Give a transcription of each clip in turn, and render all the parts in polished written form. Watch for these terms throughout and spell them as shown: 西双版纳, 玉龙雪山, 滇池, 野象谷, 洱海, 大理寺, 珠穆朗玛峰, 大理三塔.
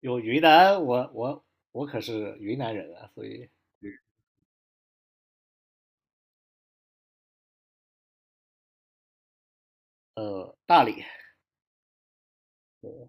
有云南，我可是云南人啊，所以大理，对，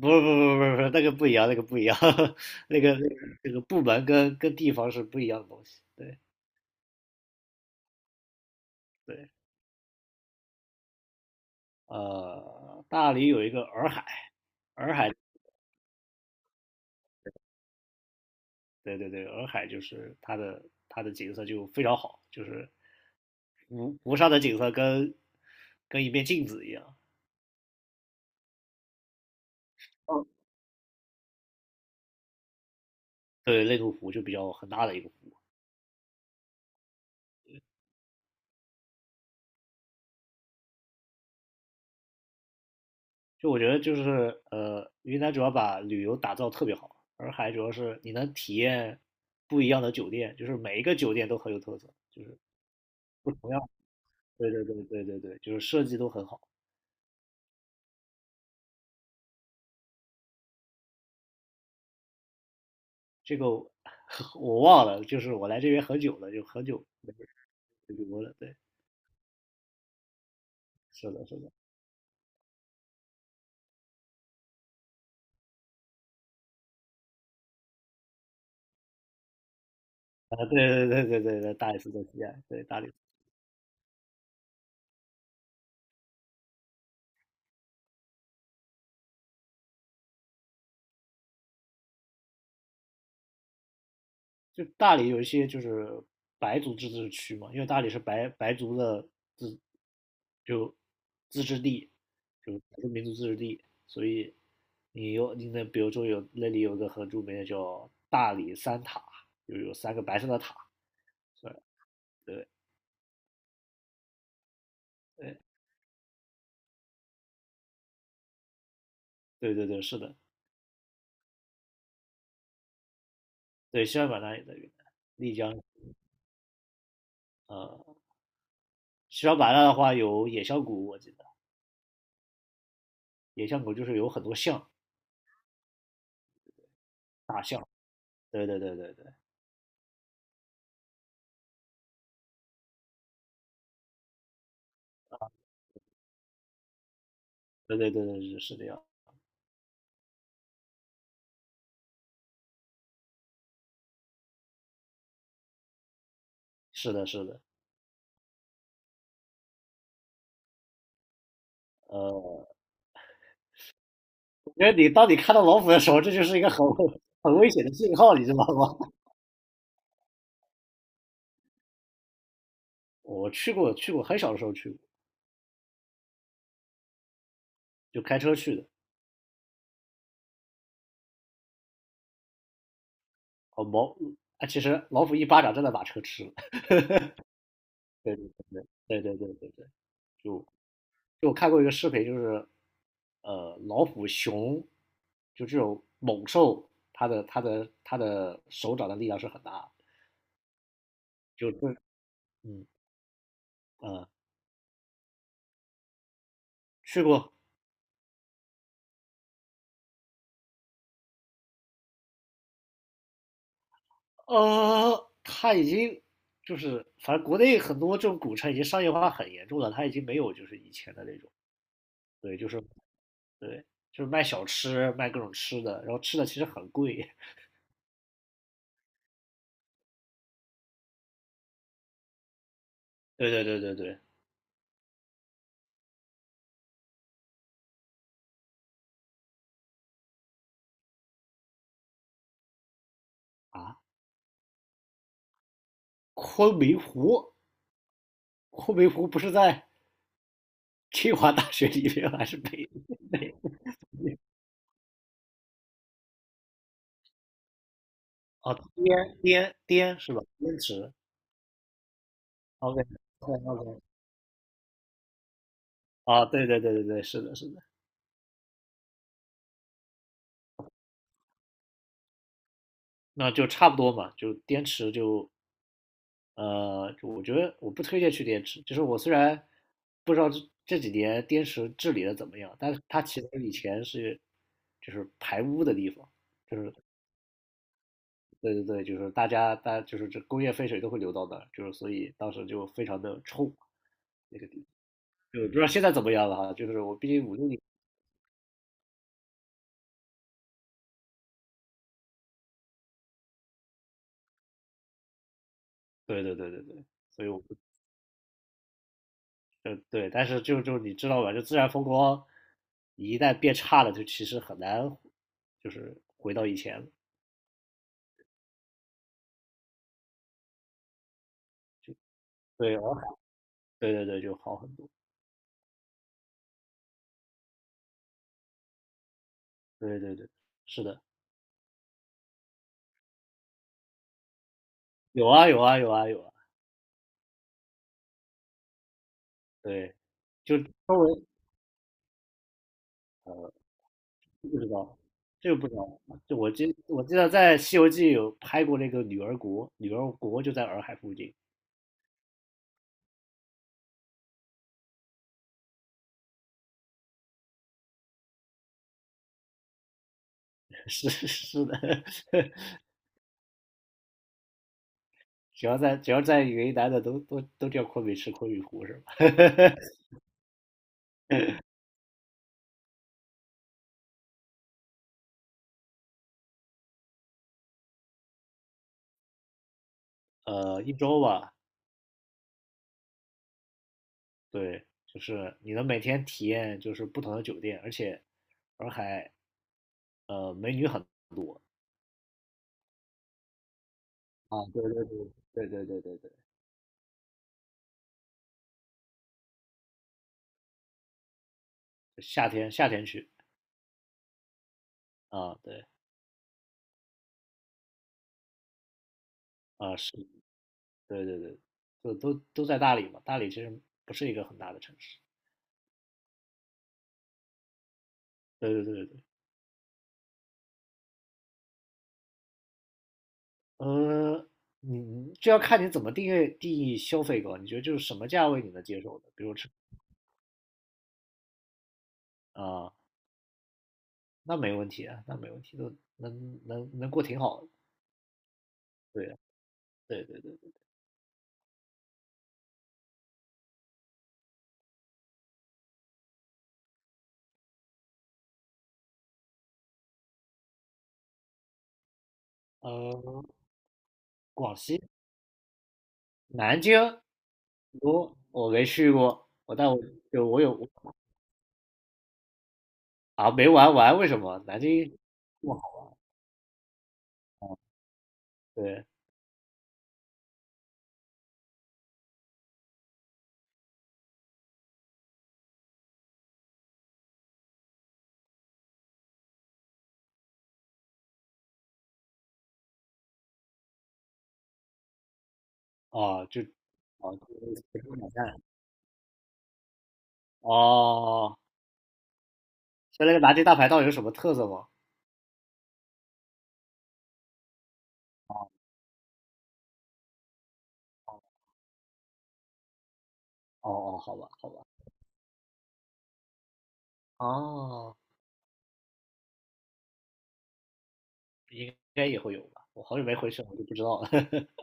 不是那个不一样，那个不一样，那个那个那个部门跟地方是不一样的东西。对对，大理有一个洱海，洱海，对对对，洱海就是它的景色就非常好，就是湖上的景色跟一面镜子一样。对，内陆湖就比较很大的一个湖，就我觉得就是云南主要把旅游打造特别好，洱海主要是你能体验不一样的酒店，就是每一个酒店都很有特色，就是不同样。对对对对对对，就是设计都很好。这个我 我忘了，就是我来这边很久了，就很久没旅游了。对，是的，是的，啊，对对对对对对，大理寺在西安，对大理寺。就大理有一些就是白族自治区嘛，因为大理是白族的自就自治地，就少数民族自治地，所以你有你那比如说有那里有个很著名的叫大理三塔，就有三个白色的塔，对对对哎对对对，是的，对西双版纳也在云南，丽江呃西双版纳的话有野象谷，我记得野象谷就是有很多象，对对对对对对对对对是这样，是的是的。呃。因为你当你看到老虎的时候，这就是一个很危险的信号，你知道吗？我去过，去过，很小的时候去过，就开车去的。哦，毛，啊，其实老虎一巴掌真的把车吃了。对对对对对对对对就就我看过一个视频，就是老虎、熊，就这种猛兽，它的手掌的力量是很大的。就是嗯呃，去过。它已经就是反正国内很多这种古城已经商业化很严重了，它已经没有就是以前的那种，对，就是对，就是卖小吃，卖各种吃的，然后吃的其实很贵。对对对对对啊，昆明湖，昆明湖不是在 清华大学里面还是北？哦，滇是吧？滇池，OK，OK，OK。啊，对对对对对，是的，是的，那就差不多嘛，就滇池就我觉得我不推荐去滇池，就是我虽然不知道这几年滇池治理的怎么样，但是它其实以前是就是排污的地方，就是对对对，就是大家大就是这工业废水都会流到那儿，就是所以当时就非常的臭，那个就不知道现在怎么样了哈，就是我毕竟五六年，对对对对对，所以我不对，但是就你知道吧，就自然风光一旦变差了，就其实很难就是回到以前了。对，对对对，就好很多。对对对，是的，有啊有啊有啊有啊，对，就周围不知道，这个不知道。就我记得在《西游记》有拍过那个女儿国，女儿国就在洱海附近。是的，只要在云南的都叫昆明池、昆明湖是吧？一周吧，对，就是你能每天体验就是不同的酒店，而且洱海美女很多啊，对对对对对对对。夏天去啊，对啊是，对对对，都在大理嘛，大理其实不是一个很大的城市，对对对对，呃，你这要看你怎么定义消费高，你觉得就是什么价位你能接受的，比如吃啊，那没问题啊，那没问题，都能过挺好的，对啊对对对，呃，广西南京，我没去过，我但我就我有啊没玩完，为什么南京？哇，对，哦，就哦，就是北京烤蛋。哦，那拿铁大排档有什么特色吗？哦哦哦，好吧好吧。哦，应该也会有吧。我好久没回去了，我就不知道了。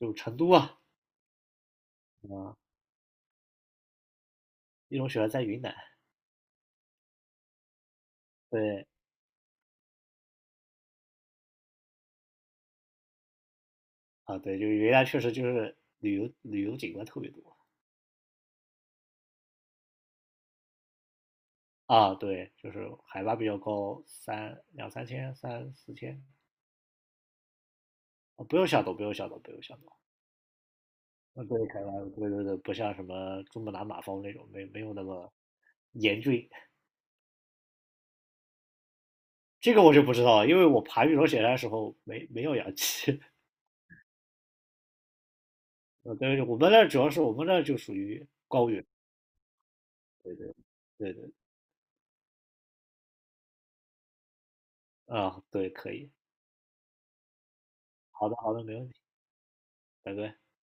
就成都啊，啊，一种喜欢在云南。对啊，对，就是云南确实就是旅游景观特别多啊。对，就是海拔比较高，三两三千、三四千。啊，不用下抖。嗯，对，凯莱，对对对，不像什么珠穆朗玛峰那种，没有那么严峻。这个我就不知道了，因为我爬玉龙雪山的时候没有氧气。嗯，对，我们那儿主要是我们那儿就属于，对对对对，啊，对，可以，好的好的，没问题，拜拜。